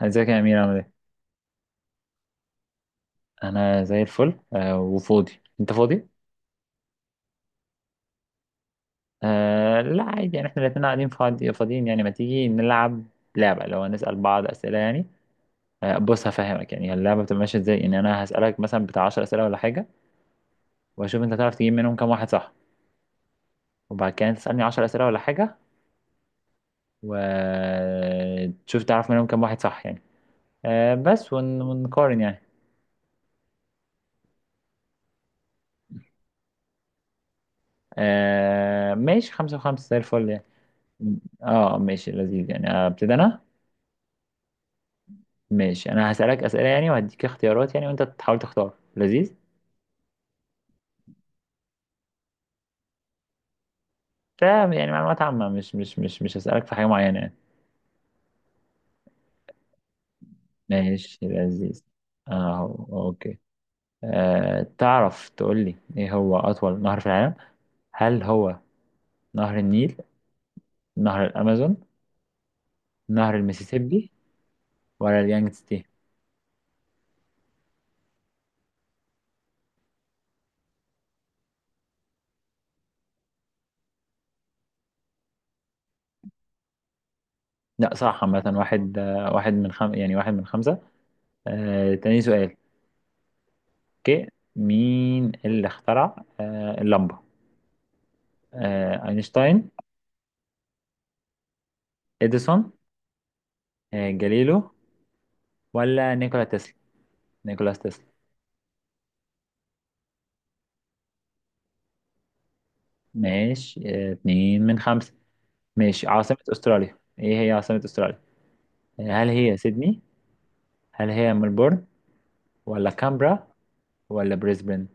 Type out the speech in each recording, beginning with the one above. ازيك يا امير، عامل ايه؟ انا زي الفل، وفاضي. انت فاضي؟ آه لا، عادي يعني، احنا الاتنين قاعدين فاضيين يعني. ما تيجي نلعب لعبه لو هنسال بعض اسئله يعني؟ آه بص، هفهمك يعني اللعبه بتبقى ماشيه ازاي. يعني انا هسالك مثلا بتاع 10 اسئله ولا حاجه، واشوف انت تعرف تجيب منهم كام واحد صح. وبعد كده أنت تسالني 10 اسئله ولا حاجه، وتشوف تعرف منهم كام واحد صح يعني. آه بس ونقارن يعني. آه ماشي، خمسة وخمسة، زي الفل يعني. اه ماشي، لذيذ يعني. ابتدي انا. ماشي، انا هسألك أسئلة يعني، وهديك اختيارات يعني، وانت تحاول تختار. لذيذ. فاهم، يعني معلومات عامة، مش هسألك في حاجة معينة يعني. ماشي، لذيذ. اه اوكي. تعرف تقول لي ايه هو اطول نهر في العالم؟ هل هو نهر النيل، نهر الامازون، نهر المسيسيبي، ولا اليانجستي؟ لا، صح. عامة، واحد، آه، واحد من خم... يعني واحد من خمسة. تاني سؤال. اوكي. مين اللي اخترع اللمبة؟ اينشتاين، اديسون، جاليلو، ولا نيكولا تسلا؟ نيكولاس تسلا. ماشي، اتنين من خمسة. ماشي. عاصمة أستراليا، ايه هي عاصمة أستراليا؟ هل هي سيدني، هل هي ملبورن، ولا كامبرا، ولا بريسبن؟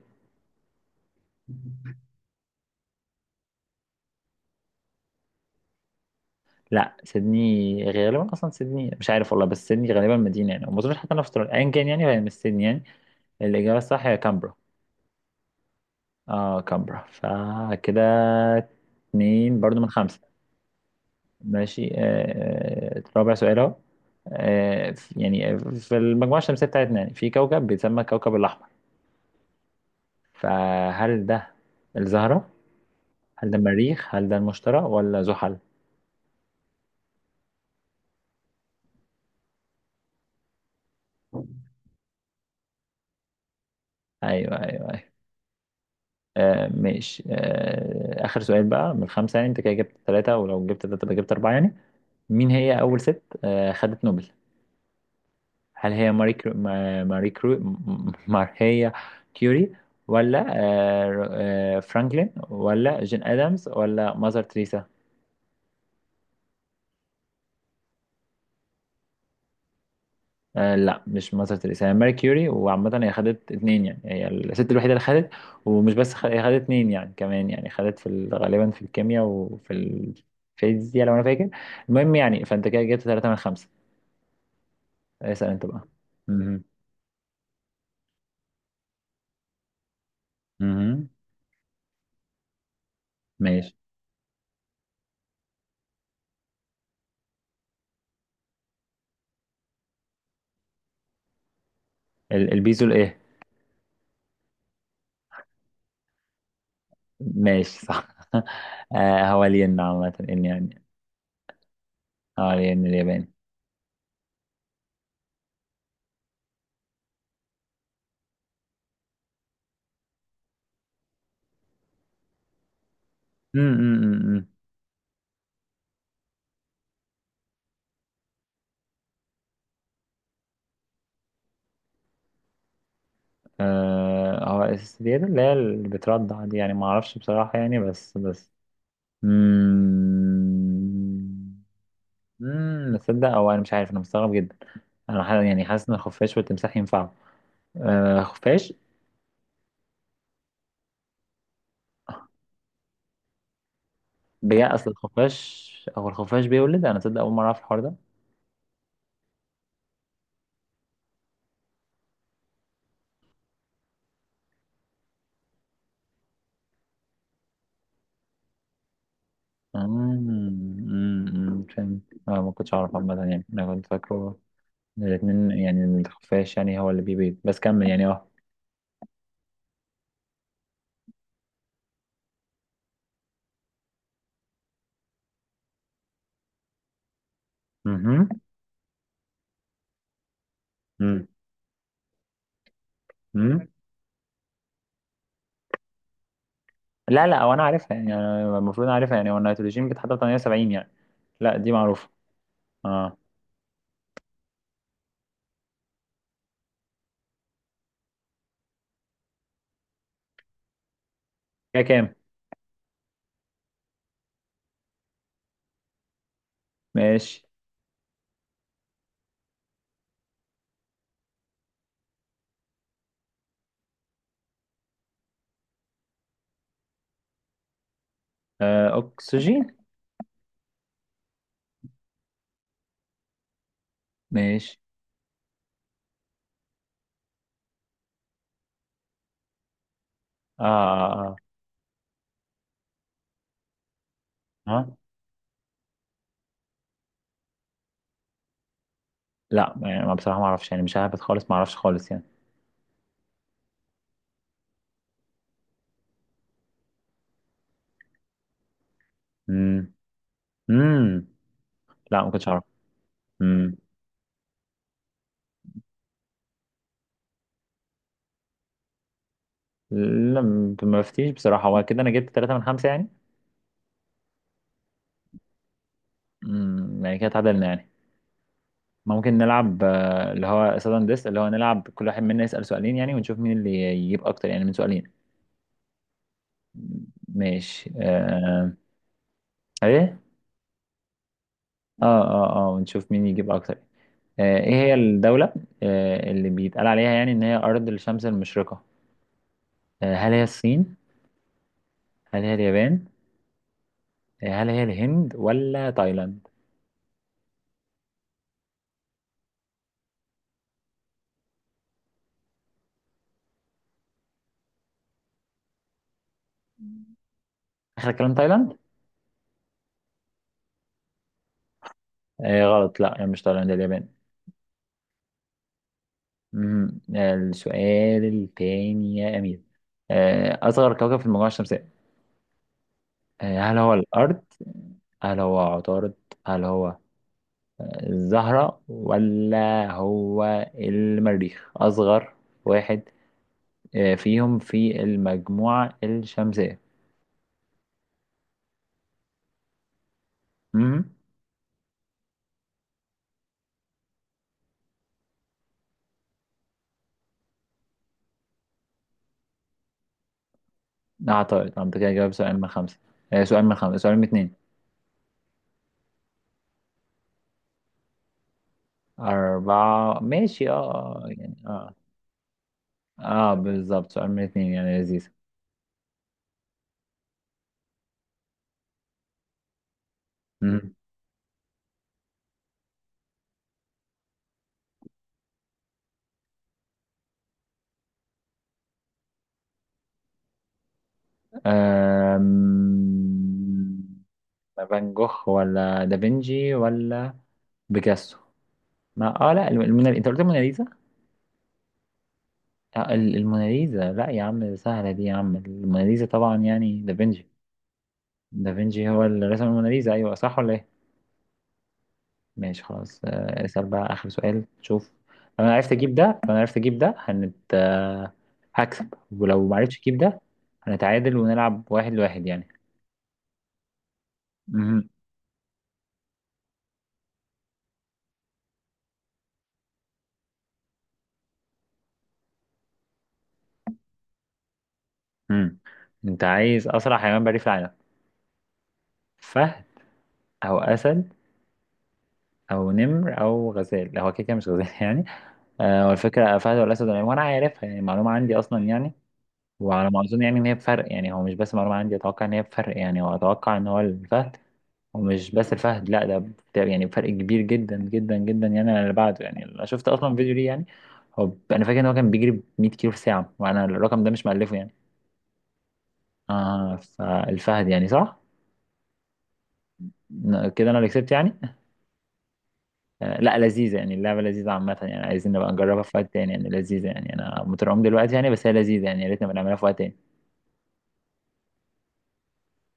لا، سيدني غالبا، اصلا سيدني مش عارف والله، بس سيدني غالبا مدينه يعني، وما اظنش حتى انا في استراليا ايا كان يعني، فهي مش سيدني يعني. الاجابه الصح هي كامبرا. اه كامبرا، فكده اتنين برضو من خمسه. ماشي. رابع سؤال اهو. يعني في المجموعة الشمسية بتاعتنا يعني، في كوكب بيتسمى الكوكب الأحمر. فهل ده الزهرة، هل ده المريخ، هل ده المشتري، ولا زحل؟ أيوه أيوه أيوه. ماشي. آخر سؤال بقى من خمسة يعني، أنت كده جبت ثلاثة، ولو جبت ثلاثة يبقى جبت أربعة يعني. مين هي أول ست خدت نوبل؟ هل هي ماري كرو... ما- ماري كرو... م- ماريا كيوري، ولا فرانكلين، ولا جين ادمز، ولا ماذر تريسا؟ لا، مش ماذر تريسا، هي ماري كيوري. وعامة هي خدت اتنين يعني، هي الست الوحيدة اللي خدت. ومش بس هي خدت اتنين يعني، كمان يعني خدت غالبا في الكيمياء وفي الفيزياء لو انا فاكر. المهم يعني، فانت كده جبت ثلاثة من خمسة. اسأل انت بقى. مهم. مهم. ماشي. البيزو الايه؟ ماشي، صح. آه هو الين عامة ان يعني. اه الين الياباني. أم. آه هو السيدة اللي بتردع دي يعني، ما اعرفش بصراحة يعني، بس. امم تصدق، او انا مش عارف، انا مستغرب جدا. انا يعني حاسس ان الخفاش والتمساح ينفعوا. خفاش. بجد، اصل الخفاش، هو الخفاش بيولد؟ انا تصدق اول مرة اعرف الحوار ده. امم أمم، أمم، فهمت. ما كنتش اعرف عامة يعني، انا كنت فاكره الاتنين يعني، الخفاش يعني هو اللي بيبيض، بس كمل يعني اه. مهم. مم. مم. لا لا، هو انا عارفها يعني، أنا المفروض عارفها يعني. هو النيتروجين بيتحط في 78 يعني. لا دي معروفة. اه كده كام؟ ماشي. اكسجين. ماشي. اه اه اه. لا يعني، ما بصراحة ما اعرفش يعني، مش عارف خالص، ما اعرفش خالص يعني. امم. امم. لا، ما كنتش اعرف. امم. لا، ما فتيش بصراحة. هو كده انا جبت 3 من 5 يعني. يعني كده اتعادلنا يعني. ممكن نلعب، اللي هو سادن ديس، اللي هو نلعب كل واحد منا يسأل سؤالين يعني، ونشوف مين اللي يجيب اكتر يعني من سؤالين. ماشي. ايه. اه اه اه، ونشوف مين يجيب اكتر. ايه هي الدولة اللي بيتقال عليها يعني ان هي ارض الشمس المشرقة؟ هل هي الصين، هل هي اليابان، هل هي الهند، ولا تايلاند؟ اخر كلام تايلاند. غلط، لا يعني مش تايلاند، اليابان. مم. السؤال التاني يا امير. اصغر كوكب في المجموعة الشمسية، هل هو الأرض، هل هو عطارد، هل هو الزهرة، ولا هو المريخ؟ أصغر واحد فيهم في المجموعة الشمسية. مهم. أعتقد أنا كده جاوب سؤال من خمسة. سؤال من خمسة، سؤال من اتنين. أربعة، ماشي اه. يعني اه. اه بالظبط، سؤال من اتنين يعني، لذيذ. مهم. آم، فان جوخ، ولا دافنشي، ولا بيكاسو؟ ما لا، انت قلت الموناليزا؟ الموناليزا؟ لا يا عم، سهلة دي يا عم. الموناليزا طبعا يعني دافنشي. دافنشي هو اللي رسم الموناليزا، ايوه صح ولا ايه؟ ماشي، خلاص. اسأل بقى اخر سؤال، شوف. لو انا عرفت اجيب ده هنت. هكسب، ولو ما عرفتش اجيب ده هنتعادل، ونلعب واحد لواحد يعني. مهم. مم. انت عايز اسرع حيوان بري في العالم؟ فهد، او اسد، او نمر، او غزال. هو كده كده مش غزال يعني. والفكرة فهد والأسد والعنب، وأنا عارفها يعني معلومة عندي أصلا يعني. وعلى ما أظن يعني إن هي بفرق يعني، هو مش بس معلومة عندي، أتوقع إن هي بفرق يعني، وأتوقع إن هو الفهد. ومش بس الفهد لأ، ده يعني بفرق كبير جدا جدا جدا يعني عن اللي بعده يعني، أنا شفت أصلا فيديو ليه يعني. هو أنا فاكر إن هو كان بيجري ب 100 كيلو في الساعة، وأنا الرقم ده مش مألفه يعني. فالفهد يعني، صح؟ كده أنا اللي كسبت يعني. لأ لذيذة يعني اللعبة، لذيذة عامة يعني، عايزين نبقى نجربها في وقت تاني يعني، لذيذة يعني أنا مترعوب دلوقتي يعني، بس هي لذيذة يعني، يا ريت نبقى نعملها في وقت تاني.